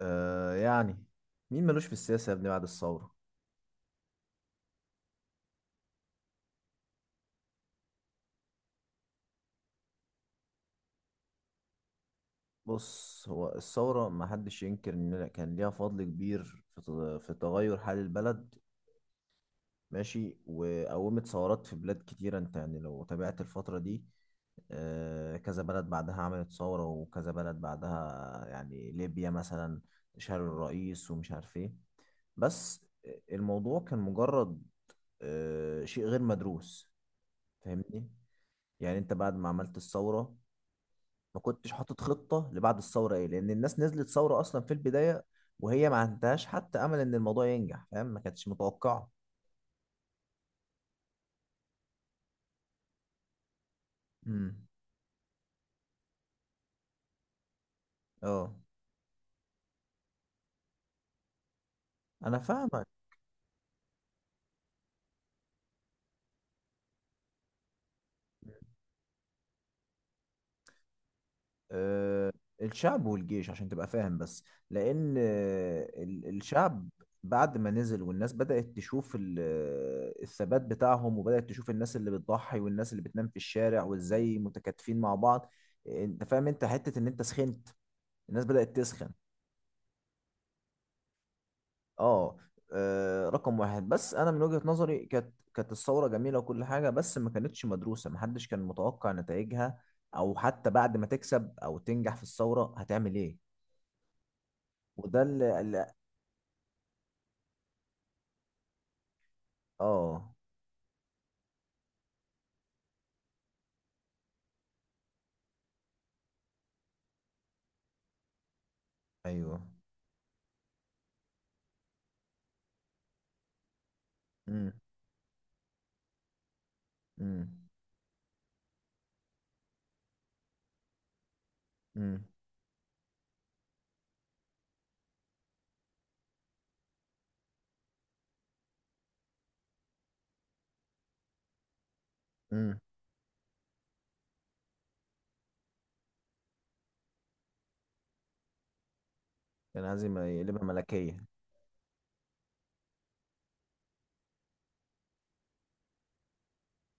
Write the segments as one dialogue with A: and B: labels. A: آه، يعني مين ملوش في السياسة يا ابني بعد الثورة. بص، هو الثورة ما حدش ينكر إن كان ليها فضل كبير في في تغير حال البلد. ماشي، وقومت ثورات في بلاد كتيرة، أنت يعني لو تابعت الفترة دي. كذا بلد بعدها عملت ثورة وكذا بلد بعدها، يعني ليبيا مثلا، شال الرئيس ومش عارف إيه. بس الموضوع كان مجرد شيء غير مدروس. فاهمني؟ يعني انت بعد ما عملت الثورة ما كنتش حاطط خطة لبعد الثورة ايه، لان الناس نزلت ثورة اصلا في البداية، وهي ما عندهاش حتى امل ان الموضوع ينجح، فاهم؟ ما كانتش متوقعة. امم. اه. انا فاهمك. أه. الشعب والجيش عشان تبقى فاهم بس. لان الشعب بعد ما نزل، والناس بدأت تشوف الثبات بتاعهم، وبدأت تشوف الناس اللي بتضحي والناس اللي بتنام في الشارع، وازاي متكاتفين مع بعض. انت فاهم، انت حتة ان انت سخنت. الناس بدأت تسخن. اه. رقم واحد، بس انا من وجهة نظري كانت الثورة جميلة وكل حاجة، بس ما كانتش مدروسة، محدش كان متوقع نتائجها، او حتى بعد ما تكسب او تنجح في الثورة هتعمل ايه؟ وده اللي. اه. ايوه. امم. امم. امم. امم. كان عايز يقلبها ملكية.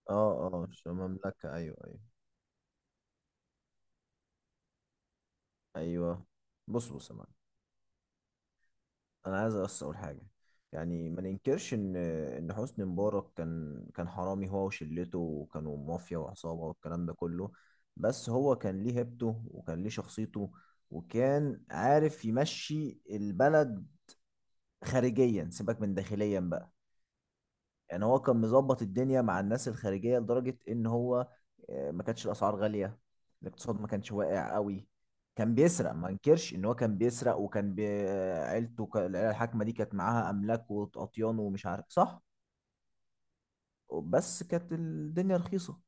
A: اه، مش مملكة، ايوه، ايوه، ايوه. بص، بص يا معلم. انا عايز بس اقول حاجه. يعني ما ننكرش ان حسني مبارك كان حرامي هو وشلته، وكانوا مافيا وعصابه والكلام ده كله. بس هو كان ليه هيبته وكان ليه شخصيته، وكان عارف يمشي البلد خارجيا، سيبك من داخليا بقى. يعني هو كان مظبط الدنيا مع الناس الخارجية لدرجة ان هو ما كانتش الاسعار غالية. الاقتصاد ما كانش واقع قوي. كان بيسرق، ما انكرش ان هو كان بيسرق، وكان بي... آه، عيلته، العيلة الحاكمة دي كانت معاها املاك واطيان ومش عارف صح. بس كانت الدنيا رخيصة،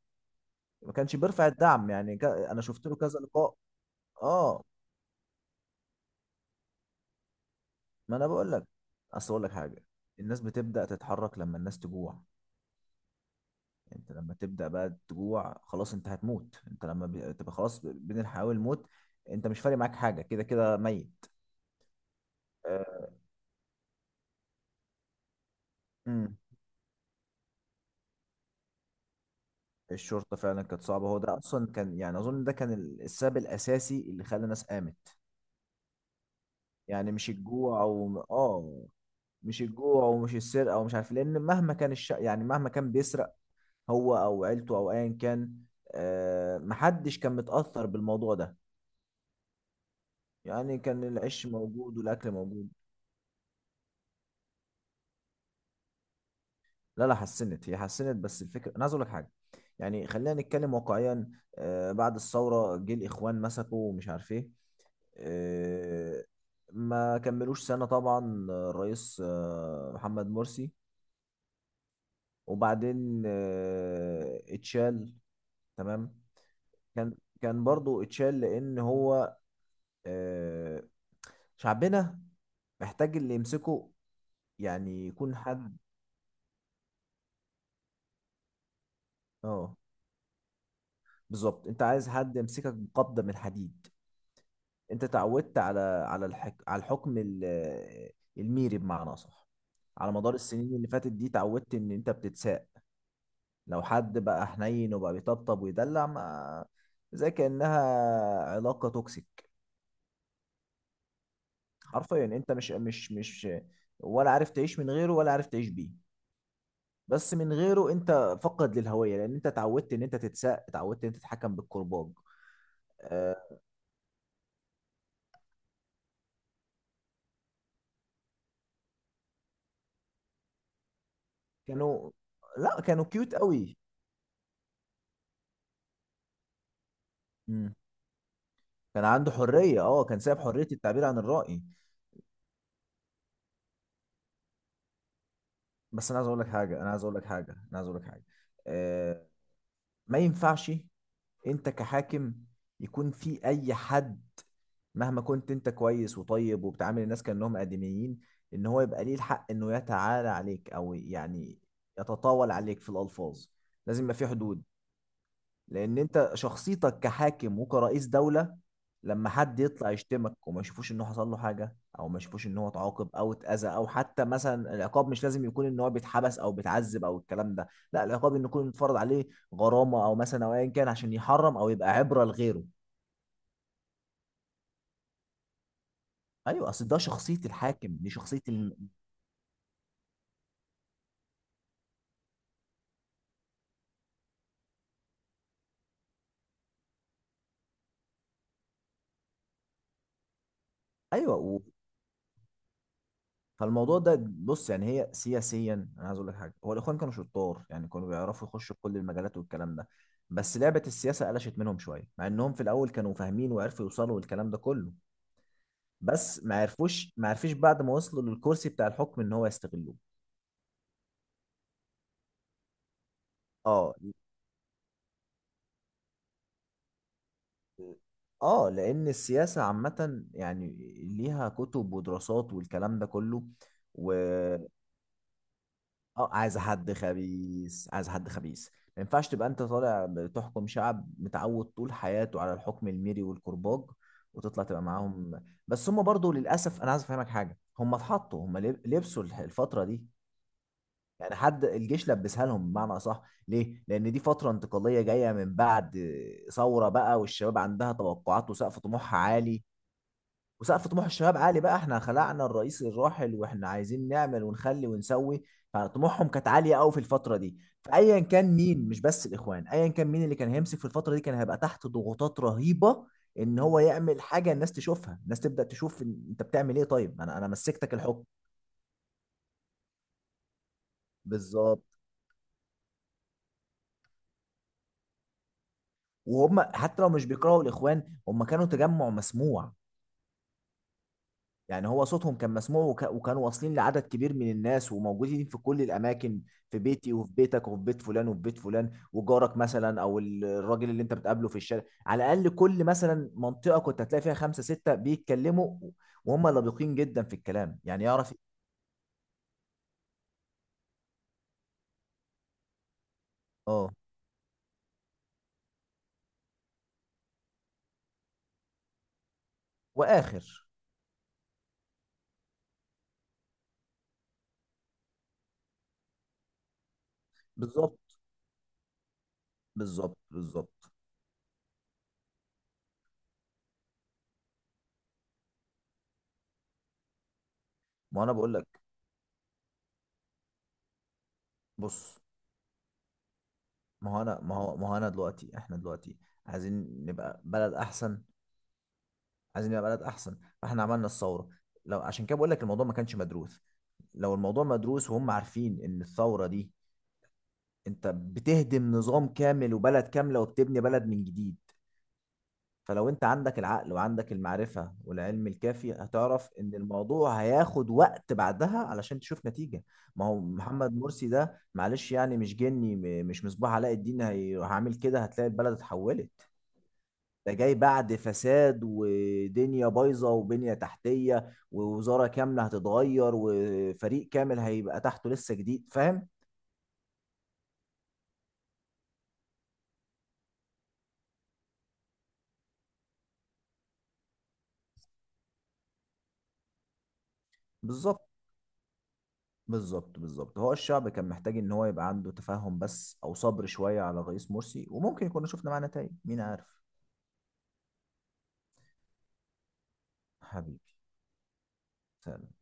A: ما كانش بيرفع الدعم يعني. انا شفت له كذا لقاء. اه. ما انا بقول لك. اصل اقول لك حاجة. الناس بتبدأ تتحرك لما الناس تجوع. انت لما تبدأ بقى تجوع خلاص انت هتموت، انت لما تبقى خلاص بين الحياة والموت، انت مش فارق معاك حاجة، كده كده ميت. آه، امم الشرطة فعلا كانت صعبة، هو ده اصلا كان، يعني اظن ده كان السبب الاساسي اللي خلى الناس قامت. يعني مش الجوع، او اه، مش الجوع ومش السرقة ومش عارف إيه، لان مهما كان يعني مهما كان بيسرق هو او عيلته او ايا كان، محدش كان متأثر بالموضوع ده. يعني كان العيش موجود والاكل موجود. لا، لا، حسنت، هي حسنت، بس الفكره انا عايز اقول لك حاجه. يعني خلينا نتكلم واقعيا. بعد الثوره جه الاخوان مسكوا ومش عارف ايه. آه، ما كملوش سنه طبعا، الرئيس محمد مرسي، وبعدين اتشال. تمام. كان برضو اتشال لان هو، آه، شعبنا محتاج اللي يمسكه، يعني يكون حد. اه. بالظبط، انت عايز حد يمسكك بقبضه من حديد. انت تعودت على على الحكم الميري بمعنى صح. على مدار السنين اللي فاتت دي تعودت ان انت بتتساق. لو حد بقى حنين وبقى بيطبطب ويدلع، ما زي كأنها علاقة توكسيك. حرفيا انت مش ولا عارف تعيش من غيره ولا عارف تعيش بيه. بس من غيره انت فقد للهوية، لان انت اتعودت ان انت تتساق، اتعودت ان انت تتحكم بالكرباج. آه، كانوا، لا، كانوا كيوت قوي. مم. كان عنده حرية. اه. كان سايب حرية التعبير عن الرأي. بس انا عايز اقول لك حاجه. آه ما ينفعش انت كحاكم يكون في اي حد، مهما كنت انت كويس وطيب وبتعامل الناس كانهم ادميين، ان هو يبقى ليه الحق انه يتعالى عليك، او يعني يتطاول عليك في الالفاظ. لازم يبقى في حدود. لان انت شخصيتك كحاكم وكرئيس دولة، لما حد يطلع يشتمك وما يشوفوش انه حصل له حاجة، او ما يشوفوش ان هو اتعاقب او اتأذى، او حتى مثلا العقاب مش لازم يكون ان هو بيتحبس او بيتعذب او الكلام ده. لا، العقاب ان يكون متفرض عليه غرامة او مثلا، او ايا كان عشان يحرم او يبقى عبرة لغيره. ايوه، اصل ده شخصية الحاكم، دي شخصية ايوه. فالموضوع ده، بص يعني، هي سياسيا انا عايز اقول لك حاجه، هو الاخوان كانوا شطار، يعني كانوا بيعرفوا يخشوا في كل المجالات والكلام ده. بس لعبه السياسه قلشت منهم شويه، مع انهم في الاول كانوا فاهمين وعرفوا يوصلوا للكلام ده كله. بس ما عرفش بعد ما وصلوا للكرسي بتاع الحكم ان هو يستغلوه. اه. اه. لان السياسه عامه يعني ليها كتب ودراسات والكلام ده كله. و... اه عايز حد خبيث، عايز حد خبيث. ما ينفعش تبقى انت طالع بتحكم شعب متعود طول حياته على الحكم الميري والكرباج، وتطلع تبقى معاهم. بس هم برضو للاسف، انا عايز افهمك حاجه، هم اتحطوا، هم لبسوا الفتره دي. يعني حد الجيش لبسها لهم بمعنى اصح. ليه؟ لان دي فتره انتقاليه جايه من بعد ثوره بقى، والشباب عندها توقعات وسقف طموحها عالي. وسقف طموح الشباب عالي بقى، احنا خلعنا الرئيس الراحل واحنا عايزين نعمل ونخلي ونسوي. فطموحهم كانت عاليه قوي في الفتره دي، فايا كان مين، مش بس الاخوان، ايا كان مين اللي كان هيمسك في الفتره دي كان هيبقى تحت ضغوطات رهيبه، ان هو يعمل حاجه الناس تشوفها، الناس تبدا تشوف انت بتعمل ايه طيب، انا مسكتك الحكم. بالظبط. وهم حتى لو مش بيكرهوا الاخوان، هم كانوا تجمع مسموع. يعني هو صوتهم كان مسموع، وكانوا واصلين لعدد كبير من الناس وموجودين في كل الاماكن. في بيتي وفي بيتك وفي بيت فلان وفي بيت فلان، وجارك مثلا، او الراجل اللي انت بتقابله في الشارع، على الاقل كل مثلا منطقه كنت هتلاقي فيها خمسه سته بيتكلموا، وهم لبقين جدا في الكلام، يعني يعرف. اه. واخر. بالظبط، بالظبط، بالظبط، ما انا بقول لك. بص، ما هو انا دلوقتي، احنا دلوقتي عايزين نبقى بلد احسن، عايزين نبقى بلد احسن. فاحنا عملنا الثوره، لو عشان كده بقول لك الموضوع ما كانش مدروس. لو الموضوع مدروس وهم عارفين ان الثوره دي، انت بتهدم نظام كامل وبلد كامله وبتبني بلد من جديد. فلو انت عندك العقل وعندك المعرفه والعلم الكافي، هتعرف ان الموضوع هياخد وقت بعدها علشان تشوف نتيجه. ما هو محمد مرسي ده، معلش يعني، مش جني، مش مصباح علاء الدين، هعمل كده هتلاقي البلد اتحولت. ده جاي بعد فساد ودنيا بايظه وبنيه تحتيه، ووزاره كامله هتتغير وفريق كامل هيبقى تحته لسه جديد، فاهم؟ بالظبط، بالظبط، بالظبط، هو الشعب كان محتاج ان هو يبقى عنده تفاهم بس، او صبر شويه على الرئيس مرسي، وممكن كنا شفنا معاه نتائج، مين عارف؟ حبيبي. سلام.